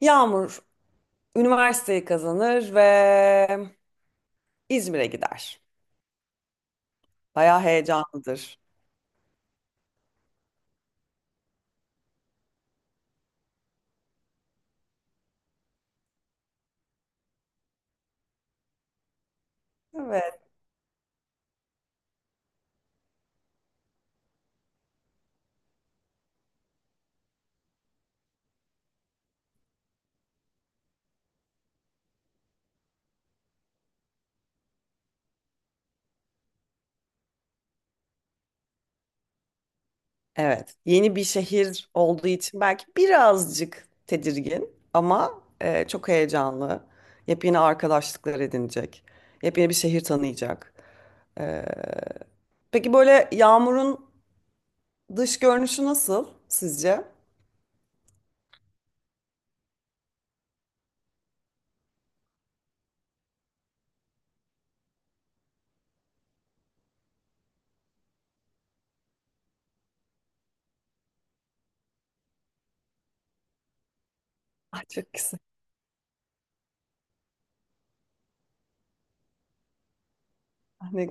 Yağmur üniversiteyi kazanır ve İzmir'e gider. Bayağı heyecanlıdır. Evet. Evet. Yeni bir şehir olduğu için belki birazcık tedirgin ama çok heyecanlı. Yepyeni arkadaşlıklar edinecek. Yepyeni bir şehir tanıyacak. E, peki böyle Yağmur'un dış görünüşü nasıl sizce? Ah, çok güzel. Ne-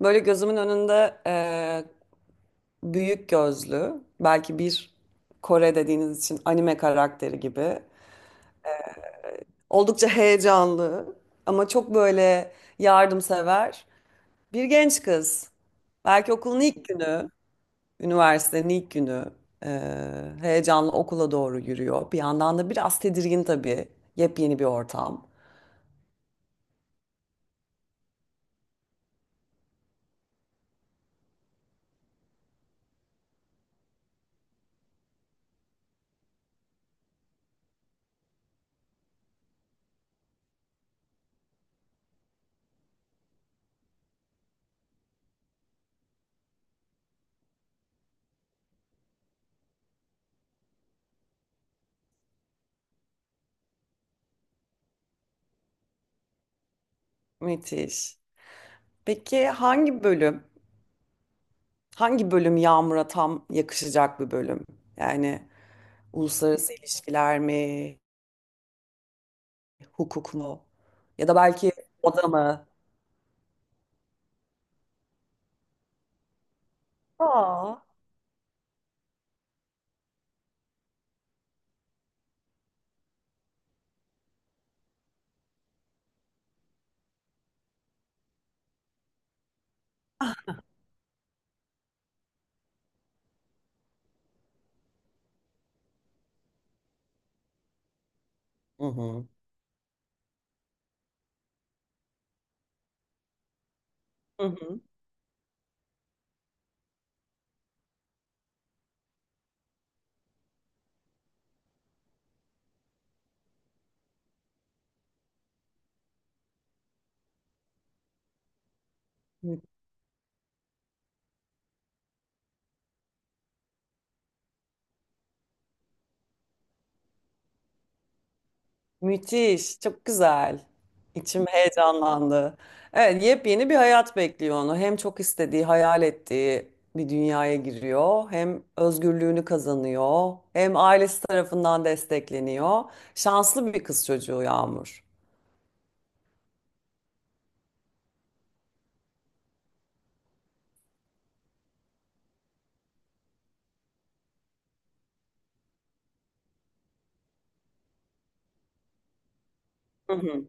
Böyle gözümün önünde büyük gözlü, belki bir Kore dediğiniz için anime karakteri gibi. Oldukça heyecanlı ama çok böyle yardımsever bir genç kız. Belki okulun ilk günü, üniversitenin ilk günü heyecanlı okula doğru yürüyor. Bir yandan da biraz tedirgin tabii. Yepyeni bir ortam. Müthiş. Peki hangi bölüm, hangi bölüm Yağmur'a tam yakışacak bir bölüm? Yani uluslararası ilişkiler mi? Hukuk mu? Ya da belki moda mı? Aa, hı hı. Hı hı. Mü- Müthiş, çok güzel. İçim heyecanlandı. Evet, yepyeni bir hayat bekliyor onu. Hem çok istediği, hayal ettiği bir dünyaya giriyor, hem özgürlüğünü kazanıyor, hem ailesi tarafından destekleniyor. Şanslı bir kız çocuğu Yağmur. Hı hı.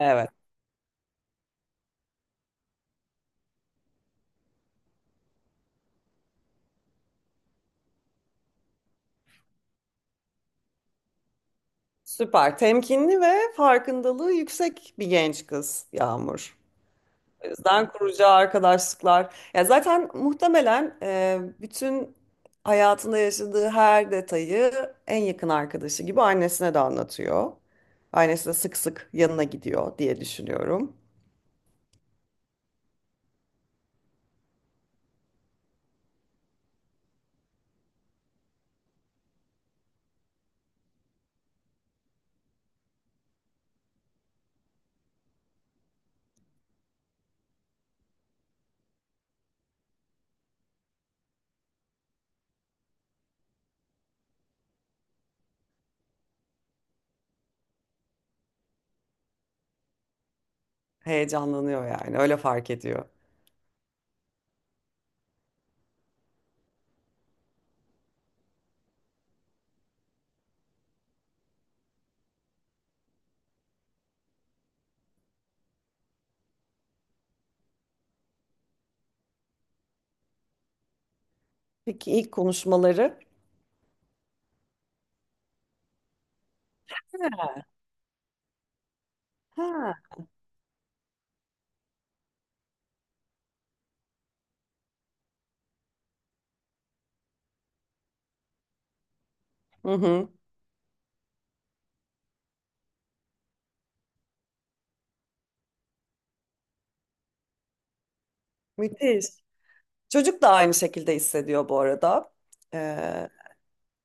Evet, süper. Temkinli ve farkındalığı yüksek bir genç kız Yağmur. O yüzden kuracağı arkadaşlıklar. Ya zaten muhtemelen bütün hayatında yaşadığı her detayı en yakın arkadaşı gibi annesine de anlatıyor. Annesi de sık sık yanına gidiyor diye düşünüyorum. Heyecanlanıyor yani öyle fark ediyor. Peki ilk konuşmaları? Ha. Ha. Hı hı. Müthiş. Çocuk da aynı şekilde hissediyor bu arada. Ee,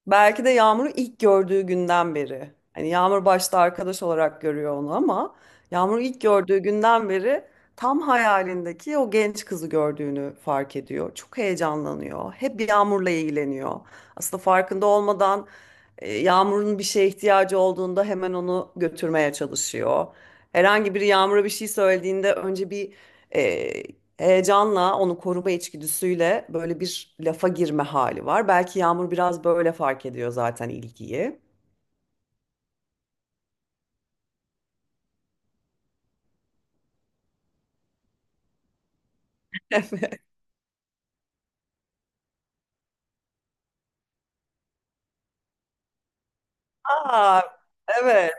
Belki de Yağmur'u ilk gördüğü günden beri. Hani Yağmur başta arkadaş olarak görüyor onu ama Yağmur'u ilk gördüğü günden beri tam hayalindeki o genç kızı gördüğünü fark ediyor. Çok heyecanlanıyor. Hep Yağmur'la ilgileniyor. Aslında farkında olmadan Yağmur'un bir şeye ihtiyacı olduğunda hemen onu götürmeye çalışıyor. Herhangi biri Yağmur'a bir şey söylediğinde önce bir e, heyecanla onu koruma içgüdüsüyle böyle bir lafa girme hali var. Belki Yağmur biraz böyle fark ediyor zaten ilgiyi. Aa, evet,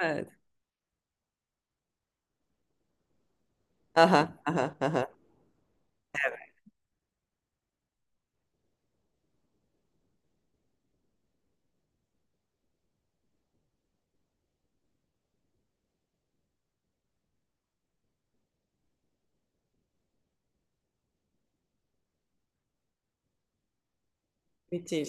evet. Aha, aha, aha. Müthiş.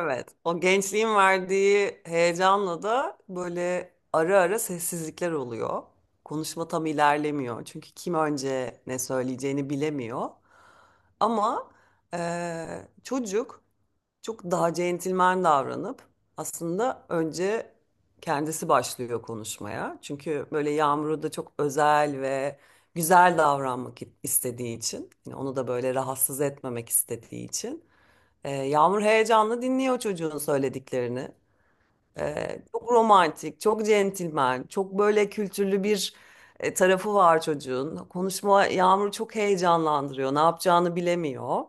Evet. O gençliğin verdiği heyecanla da böyle ara ara sessizlikler oluyor. Konuşma tam ilerlemiyor. Çünkü kim önce ne söyleyeceğini bilemiyor. Ama çocuk çok daha centilmen davranıp aslında önce kendisi başlıyor konuşmaya. Çünkü böyle Yağmur'u da çok özel ve güzel davranmak istediği için, yani onu da böyle rahatsız etmemek istediği için. Yağmur heyecanla dinliyor çocuğun söylediklerini. Çok romantik, çok centilmen, çok böyle kültürlü bir tarafı var çocuğun. Konuşma Yağmur'u çok heyecanlandırıyor, ne yapacağını bilemiyor.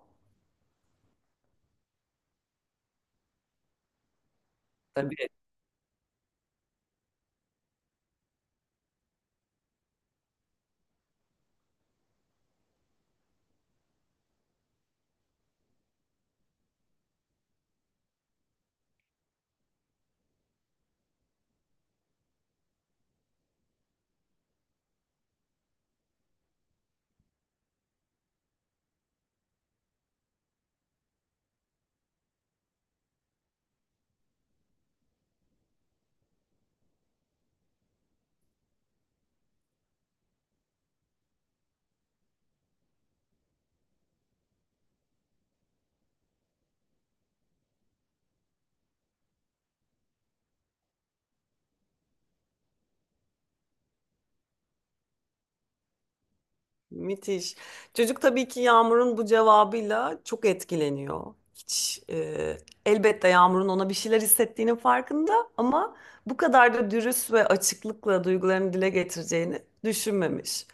Müthiş. Çocuk tabii ki Yağmur'un bu cevabıyla çok etkileniyor. Hiç elbette Yağmur'un ona bir şeyler hissettiğinin farkında ama bu kadar da dürüst ve açıklıkla duygularını dile getireceğini düşünmemiş.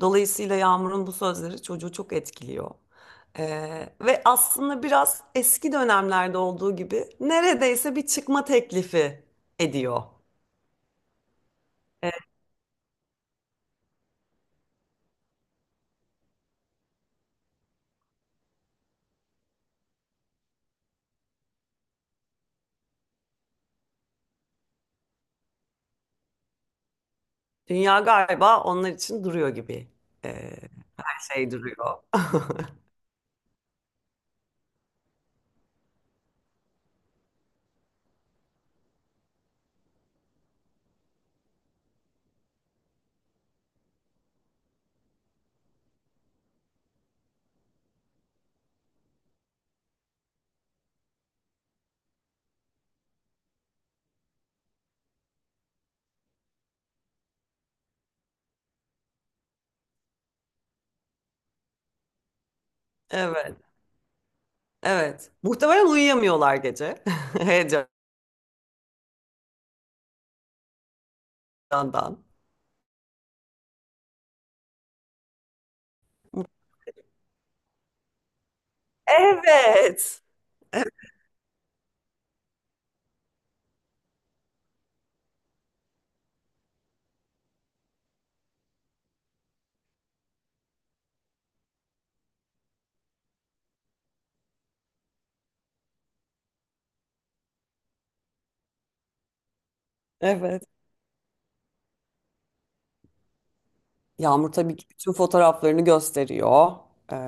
Dolayısıyla Yağmur'un bu sözleri çocuğu çok etkiliyor. E, Ve aslında biraz eski dönemlerde olduğu gibi neredeyse bir çıkma teklifi ediyor. E, Dünya galiba onlar için duruyor gibi e, şey duruyor. Evet, evet. Muhtemelen uyuyamıyorlar gece heyecandan. Evet. Evet. Yağmur tabii ki bütün fotoğraflarını gösteriyor eee,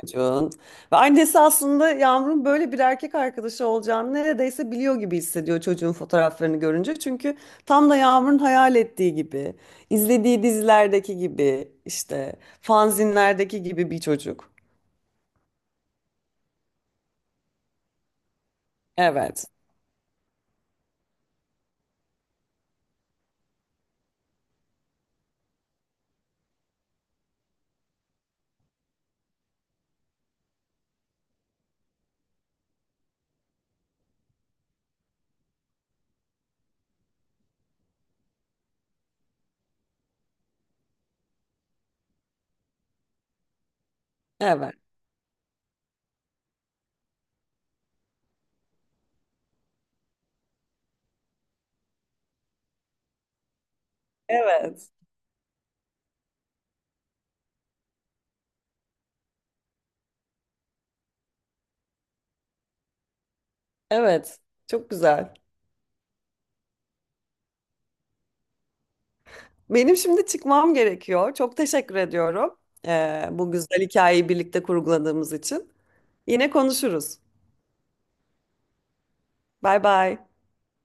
çocuğun. Ve annesi aslında Yağmur'un böyle bir erkek arkadaşı olacağını neredeyse biliyor gibi hissediyor çocuğun fotoğraflarını görünce. Çünkü tam da Yağmur'un hayal ettiği gibi, izlediği dizilerdeki gibi, işte fanzinlerdeki gibi bir çocuk. Evet, evet, evet. Evet, çok güzel. Benim şimdi çıkmam gerekiyor. Çok teşekkür ediyorum. Bu güzel hikayeyi birlikte kurguladığımız için. Yine konuşuruz. Bay bay.